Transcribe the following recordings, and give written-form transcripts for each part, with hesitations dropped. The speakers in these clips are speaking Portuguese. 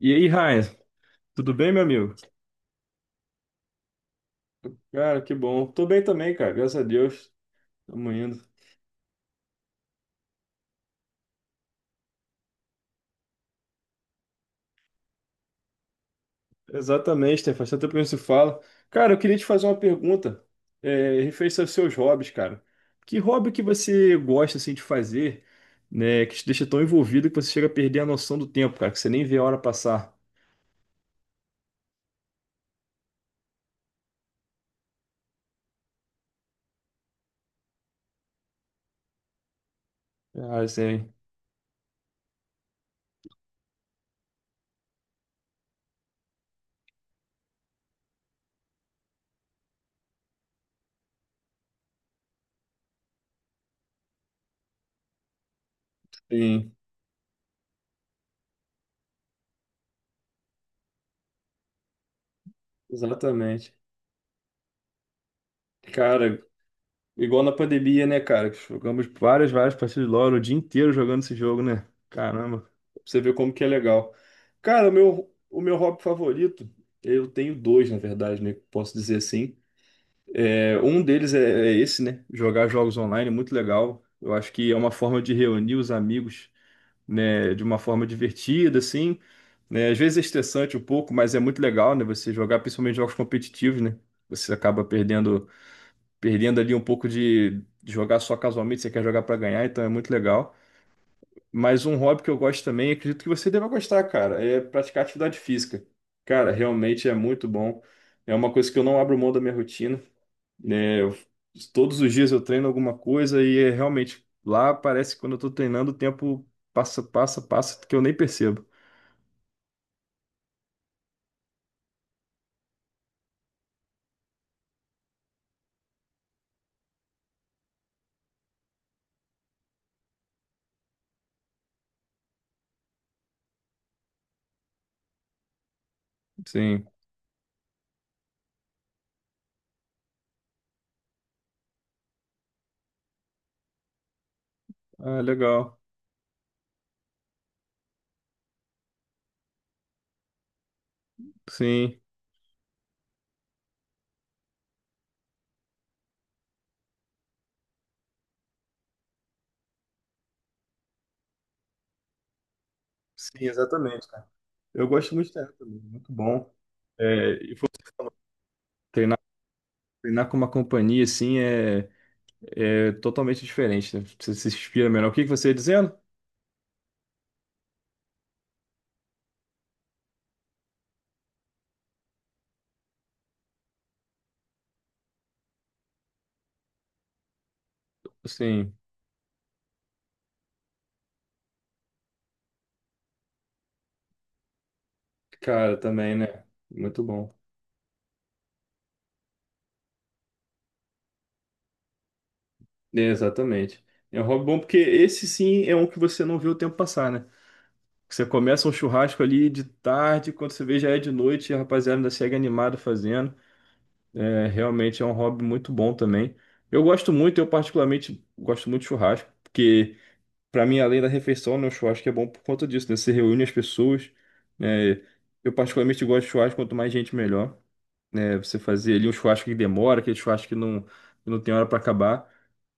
E aí, Ryan, tudo bem, meu amigo? Cara, que bom. Tô bem também, cara, graças a Deus. Tamo indo. Exatamente, Stefan, faz tanto tempo que a gente se fala. Cara, eu queria te fazer uma pergunta, referente aos seus hobbies, cara. Que hobby que você gosta, assim, de fazer, né, que te deixa tão envolvido que você chega a perder a noção do tempo, cara, que você nem vê a hora passar? Ah, sim. Sim, exatamente. Cara, igual na pandemia, né, cara? Que jogamos várias, várias partidas de LoL o dia inteiro jogando esse jogo, né? Caramba, pra você ver como que é legal. Cara, o meu hobby favorito, eu tenho dois, na verdade, né? Posso dizer assim. É, um deles é esse, né? Jogar jogos online, é muito legal. Eu acho que é uma forma de reunir os amigos, né? De uma forma divertida, assim. Né? Às vezes é estressante um pouco, mas é muito legal, né? Você jogar, principalmente jogos competitivos, né? Você acaba perdendo ali um pouco de jogar só casualmente, você quer jogar para ganhar, então é muito legal. Mas um hobby que eu gosto também, acredito que você deva gostar, cara, é praticar atividade física. Cara, realmente é muito bom. É uma coisa que eu não abro mão da minha rotina, né? Todos os dias eu treino alguma coisa e é realmente lá parece que quando eu tô treinando o tempo passa, passa, passa que eu nem percebo. Sim. Ah, legal. Sim. Sim, exatamente, cara. Eu gosto muito de treinar também, muito bom. É, e foi treinar Treinar com uma companhia assim é totalmente diferente, né? Você se inspira melhor. O que que você ia dizendo? Sim, cara, também, né? Muito bom. É, exatamente. É um hobby bom porque esse sim é um que você não vê o tempo passar, né? Você começa um churrasco ali de tarde, quando você vê já é de noite, e a rapaziada ainda segue animado fazendo. É, realmente é um hobby muito bom também. Eu gosto muito, eu particularmente gosto muito de churrasco, porque para mim, além da refeição, né, o churrasco é bom por conta disso, né? Você reúne as pessoas. Né? Eu particularmente gosto de churrasco, quanto mais gente, melhor. Né? Você fazer ali um churrasco que demora, aquele churrasco que não tem hora para acabar.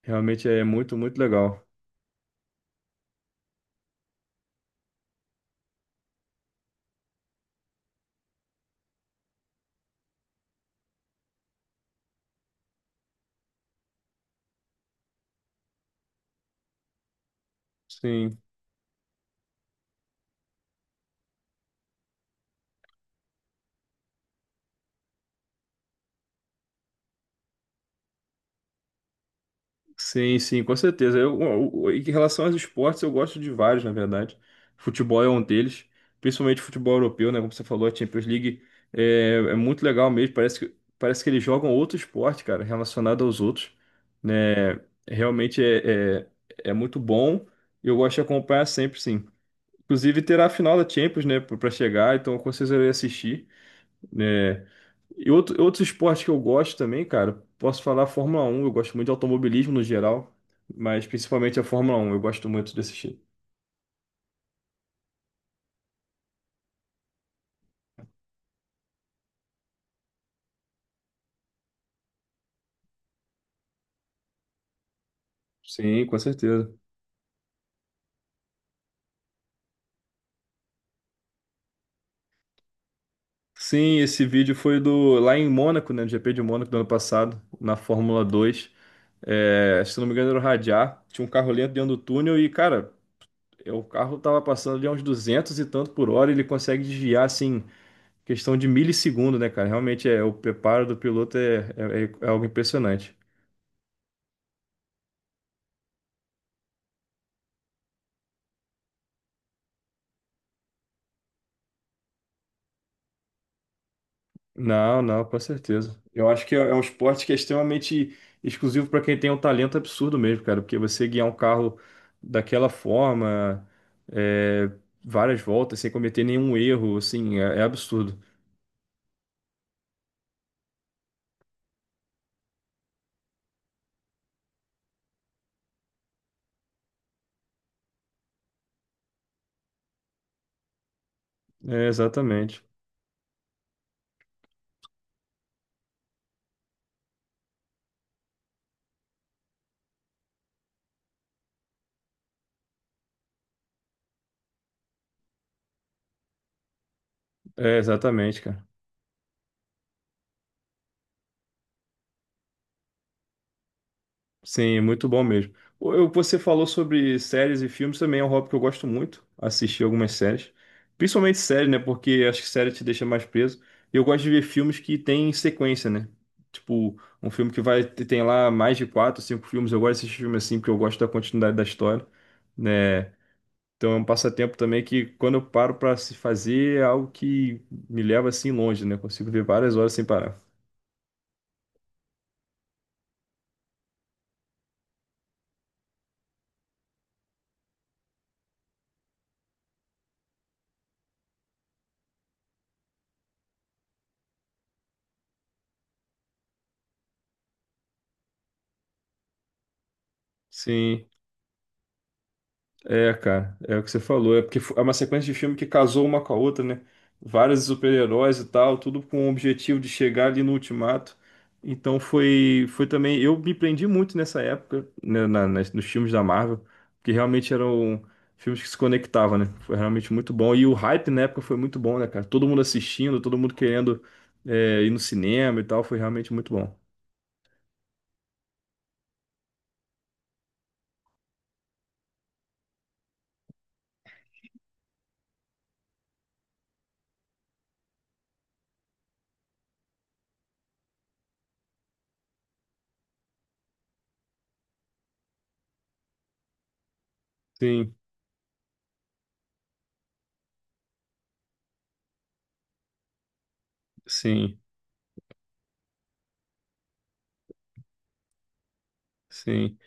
Realmente é muito, muito legal. Sim. Sim, sim, com certeza. Em relação aos esportes, eu gosto de vários, na verdade. Futebol é um deles, principalmente futebol europeu, né? Como você falou, a Champions League é muito legal mesmo. Parece que eles jogam outro esporte, cara, relacionado aos outros, né? Realmente é muito bom. Eu gosto de acompanhar sempre, sim. Inclusive, terá a final da Champions, né, para chegar, então com certeza eu irei assistir, né? E outros esportes que eu gosto também, cara, posso falar Fórmula 1. Eu gosto muito de automobilismo no geral, mas principalmente a Fórmula 1. Eu gosto muito de assistir. Sim, com certeza. Sim, esse vídeo foi do lá em Mônaco, né, no GP de Mônaco do ano passado, na Fórmula 2. É, se não me engano era o Radiar, tinha um carro lento dentro do túnel e, cara, o carro tava passando ali a uns 200 e tanto por hora, e ele consegue desviar, assim, questão de milissegundo, né, cara? Realmente é, o preparo do piloto é algo impressionante. Não, não, com certeza. Eu acho que é um esporte que é extremamente exclusivo para quem tem um talento absurdo mesmo, cara, porque você guiar um carro daquela forma, é, várias voltas, sem cometer nenhum erro, assim, é absurdo. É, exatamente. É, exatamente, cara. Sim, muito bom mesmo. Você falou sobre séries e filmes, também é um hobby que eu gosto muito, assistir algumas séries. Principalmente séries, né? Porque acho que série te deixa mais preso. E eu gosto de ver filmes que têm sequência, né? Tipo, um filme que vai tem lá mais de quatro, cinco filmes. Eu gosto desse filme assim, porque eu gosto da continuidade da história, né? Então é um passatempo também que quando eu paro para se fazer é algo que me leva assim longe, né? Consigo ver várias horas sem parar. Sim. É, cara, é o que você falou. É porque é uma sequência de filme que casou uma com a outra, né? Vários super-heróis e tal, tudo com o objetivo de chegar ali no ultimato. Então foi também. Eu me prendi muito nessa época, né, nos filmes da Marvel, porque realmente eram filmes que se conectavam, né? Foi realmente muito bom. E o hype na época foi muito bom, né, cara? Todo mundo assistindo, todo mundo querendo, ir no cinema e tal, foi realmente muito bom. Sim, sim, sim,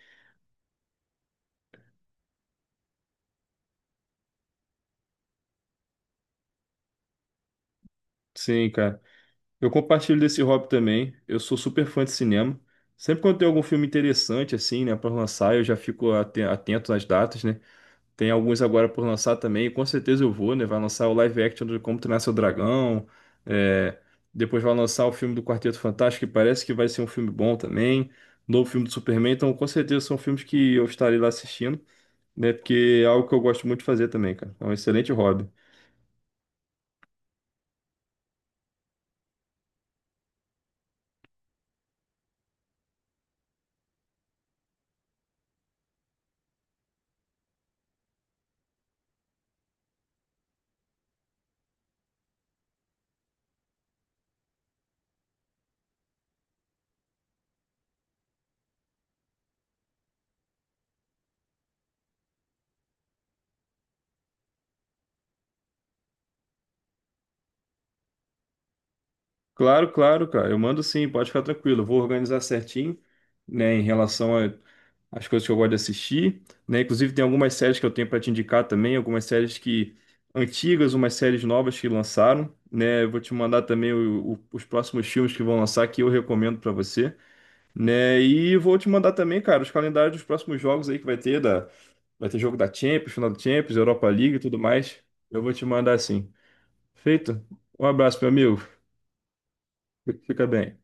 sim, cara. Eu compartilho desse hobby também. Eu sou super fã de cinema. Sempre quando tem algum filme interessante, assim, né, para lançar, eu já fico atento nas datas, né? Tem alguns agora por lançar também, e com certeza eu vou, né? Vai lançar o live action do Como Treinar Seu Dragão. é, Depois vai lançar o filme do Quarteto Fantástico, que parece que vai ser um filme bom também. Novo filme do Superman. Então, com certeza são filmes que eu estarei lá assistindo, né? Porque é algo que eu gosto muito de fazer também, cara. É um excelente hobby. Claro, claro, cara. Eu mando sim, pode ficar tranquilo. Eu vou organizar certinho, né, em relação às coisas que eu gosto de assistir, né? Inclusive tem algumas séries que eu tenho para te indicar também, algumas séries que antigas, umas séries novas que lançaram, né? Eu vou te mandar também os próximos filmes que vão lançar que eu recomendo para você, né? E vou te mandar também, cara, os calendários dos próximos jogos aí que vai ter jogo da Champions, final da Champions, Europa League e tudo mais. Eu vou te mandar assim. Feito? Um abraço, meu amigo. Fica bem.